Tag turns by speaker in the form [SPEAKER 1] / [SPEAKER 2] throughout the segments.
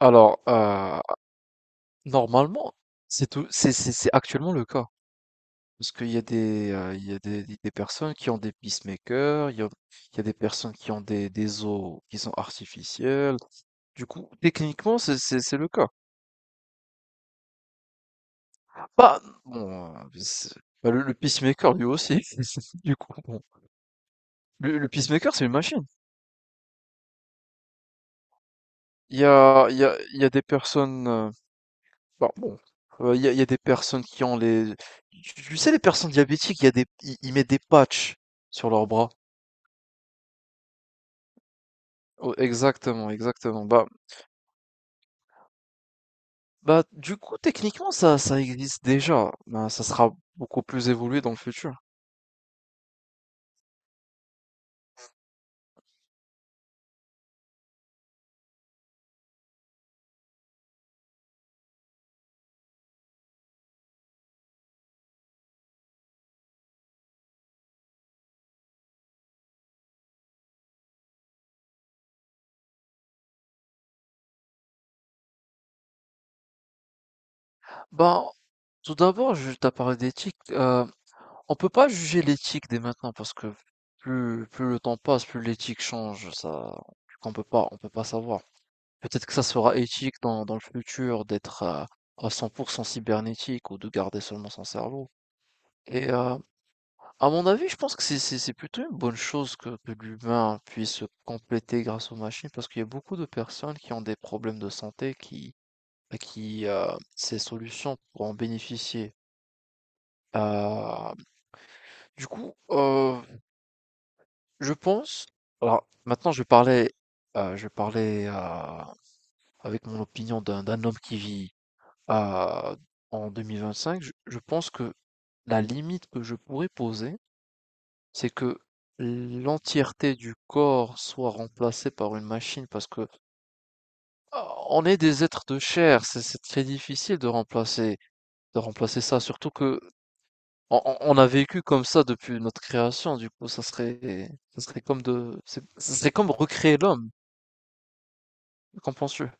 [SPEAKER 1] Alors, normalement, c'est tout c'est actuellement le cas. Parce qu'il y a des personnes qui ont des pacemakers, il y a des personnes qui ont des os qui sont artificiels. Du coup, techniquement, c'est le cas. Bah, bon, c'est bah, le pacemaker lui aussi. Du coup, bon, le pacemaker, c'est une machine. Il y a il y a il y a des personnes, bah, bon, y a des personnes qui ont les. Tu sais, les personnes diabétiques, il y a des. Ils mettent des patchs sur leurs bras. Oh, exactement, exactement. Bah, du coup, techniquement, ça existe déjà. Bah, ça sera beaucoup plus évolué dans le futur. Bah, tout d'abord, je t'ai parlé d'éthique. On peut pas juger l'éthique dès maintenant parce que plus le temps passe, plus l'éthique change. Ça, on peut pas savoir. Peut-être que ça sera éthique dans le futur d'être à 100% cybernétique, ou de garder seulement son cerveau. Et, à mon avis, je pense que c'est plutôt une bonne chose que l'humain puisse se compléter grâce aux machines, parce qu'il y a beaucoup de personnes qui ont des problèmes de santé qui ces solutions pourront en bénéficier. Heu, du coup, je pense alors maintenant je vais parler, avec mon opinion d'un homme qui vit euh, en 2025. Je pense que la limite que je pourrais poser, c'est que l'entièreté du corps soit remplacée par une machine, parce que on est des êtres de chair. C'est très difficile de remplacer ça, surtout que on a vécu comme ça depuis notre création. Du coup, ça serait comme recréer l'homme. Qu'en penses-tu?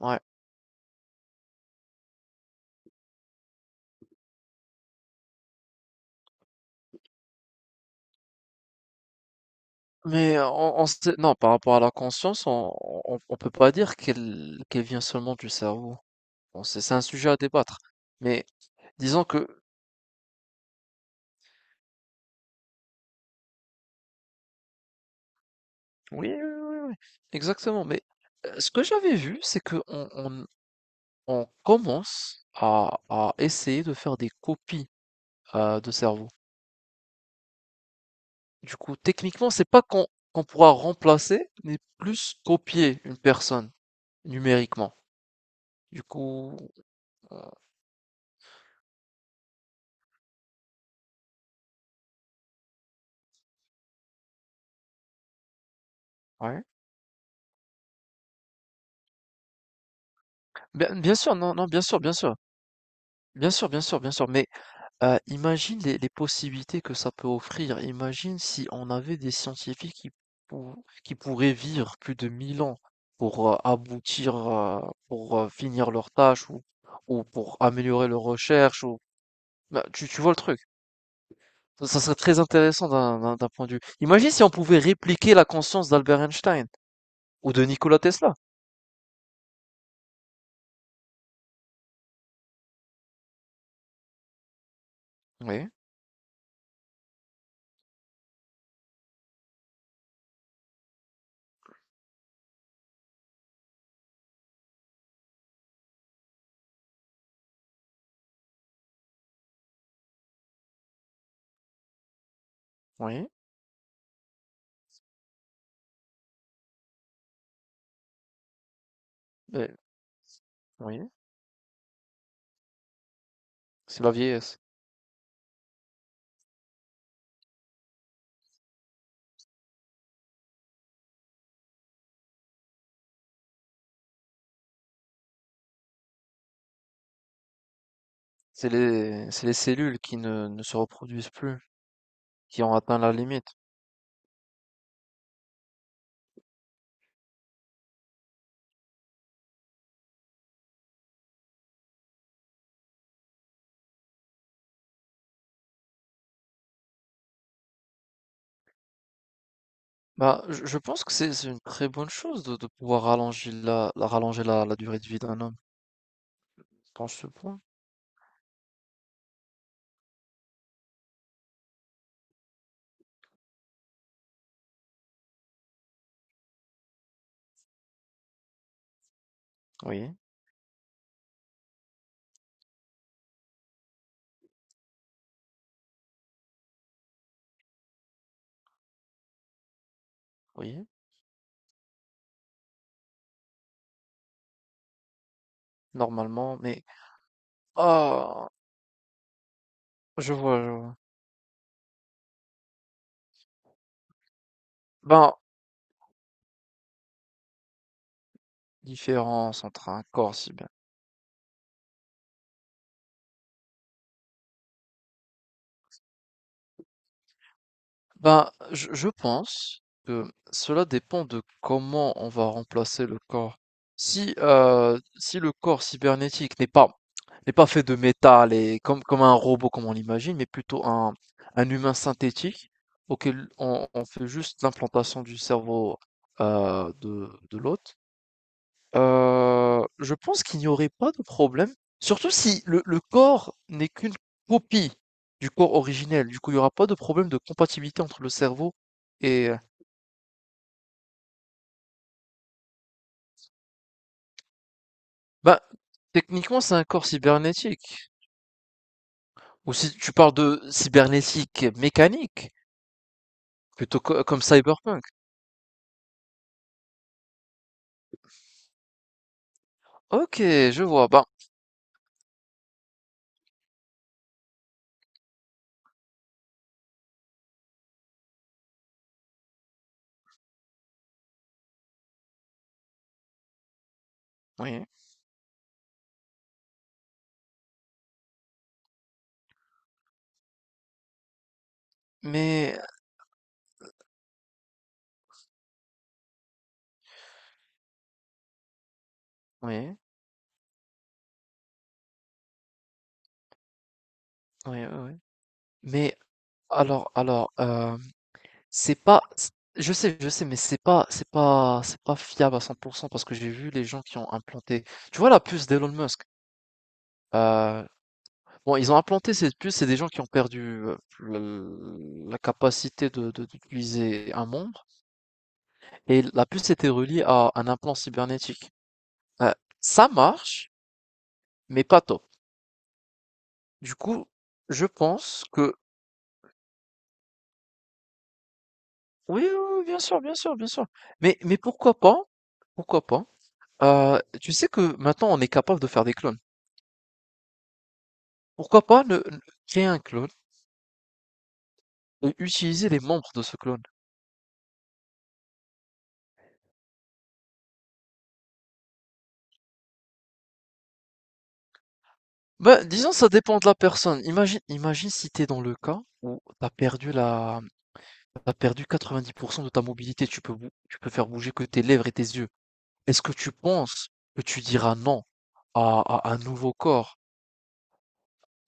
[SPEAKER 1] Ouais. Mais non, par rapport à la conscience, on peut pas dire qu'elle vient seulement du cerveau. Bon, c'est un sujet à débattre. Mais disons que oui, oui, oui, oui, exactement. Mais ce que j'avais vu, c'est que on commence à essayer de faire des copies de cerveau. Du coup, techniquement, c'est pas qu'on pourra remplacer, mais plus copier une personne numériquement. Du coup, euh, ouais. Bien, bien sûr, non, non, bien sûr, bien sûr, bien sûr, bien sûr, bien sûr. Mais imagine les possibilités que ça peut offrir. Imagine si on avait des scientifiques qui pourraient vivre plus de 1 000 ans pour aboutir, pour finir leur tâche, ou pour améliorer leurs recherches, ou bah, tu vois le truc? Ça serait très intéressant d'un point de vue. Imagine si on pouvait répliquer la conscience d'Albert Einstein ou de Nikola Tesla. Oui, oui, beh, oui, c'est la vieillesse. C'est les cellules qui ne se reproduisent plus, qui ont atteint la limite. Bah, je pense que c'est une très bonne chose de, pouvoir rallonger rallonger la durée de vie d'un homme. Je pense ce point. Oui, oui, normalement, mais ah, je vois, je vois. Ben, différence entre un corps cyber. Ben, je pense que cela dépend de comment on va remplacer le corps. Si le corps cybernétique n'est pas fait de métal et comme un robot comme on l'imagine, mais plutôt un humain synthétique auquel on fait juste l'implantation du cerveau, de, l'hôte. Je pense qu'il n'y aurait pas de problème, surtout si le corps n'est qu'une copie du corps originel. Du coup, il n'y aura pas de problème de compatibilité entre le cerveau. Et bah, techniquement, c'est un corps cybernétique, ou si tu parles de cybernétique mécanique, plutôt co comme Cyberpunk. OK, je vois, bah, oui, mais oui, oui, oui, oui, mais alors, C'est pas c je sais, mais c'est pas fiable à 100%, parce que j'ai vu les gens qui ont implanté. Tu vois la puce d'Elon Musk? Heu, bon, ils ont implanté cette puce, c'est des gens qui ont perdu le la capacité de d'utiliser un membre, et la puce était reliée à un implant cybernétique. Heu, ça marche, mais pas top. Du coup, je pense que oui, oui, oui, bien sûr, bien sûr, bien sûr. Mais pourquoi pas, pourquoi pas? Heu, Tu sais que maintenant on est capable de faire des clones? Pourquoi pas ne créer un clone et utiliser les membres de ce clone? Ben, disons, ça dépend de la personne. Imagine, imagine, si t'es dans le cas où t'as perdu 90% de ta mobilité. Tu peux faire bouger que tes lèvres et tes yeux. Est-ce que tu penses que tu diras non à un nouveau corps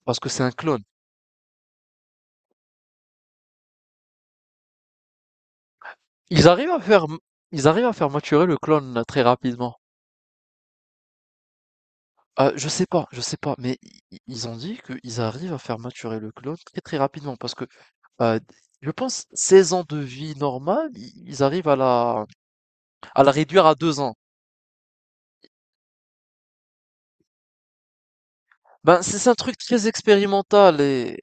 [SPEAKER 1] parce que c'est un clone? Ils arrivent à faire, ils arrivent à faire maturer le clone très rapidement. Ah, je sais pas, mais i i ils ont dit qu'ils arrivent à faire maturer le clone très, très rapidement parce que, heu, je pense 16 ans de vie normale, i ils arrivent à la réduire à 2 ans. Ben, c'est un truc très expérimental, et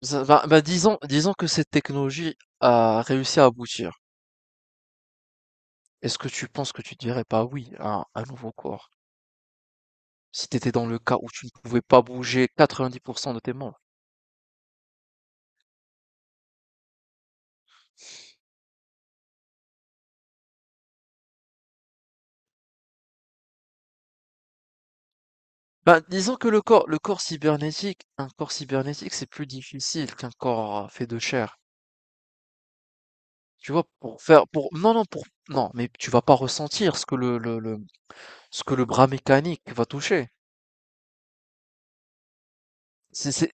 [SPEAKER 1] ça va ben, disons, que cette technologie a réussi à aboutir. Est-ce que tu penses que tu dirais pas oui à un nouveau corps? Si tu étais dans le cas où tu ne pouvais pas bouger 90% de tes membres? Bah, disons que le corps cybernétique un corps cybernétique, c'est plus difficile qu'un corps, fait de chair. Tu vois? Pour non, non, pour non, mais tu vas pas ressentir ce que le ce que le bras mécanique va toucher. C'est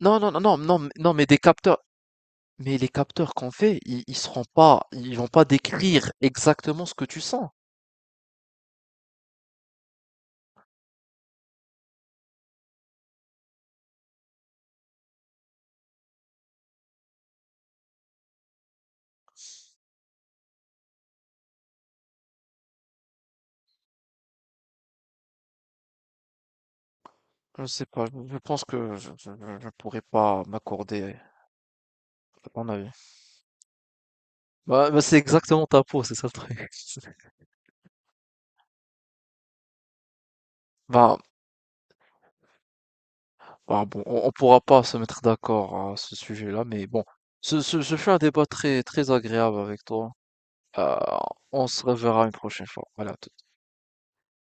[SPEAKER 1] non, non, non, non, non, mais non, mais des capteurs mais les capteurs qu'on fait, ils seront pas ils vont pas décrire exactement ce que tu sens. Je sais pas, je pense que je pourrais pas m'accorder à ton avis. Bah, c'est exactement ta peau, c'est ça le truc. Bah, ah bon, on ne pourra pas se mettre d'accord à ce sujet-là, mais bon, ce fut un débat très, très agréable avec toi. Euh, on se reverra une prochaine fois. Voilà.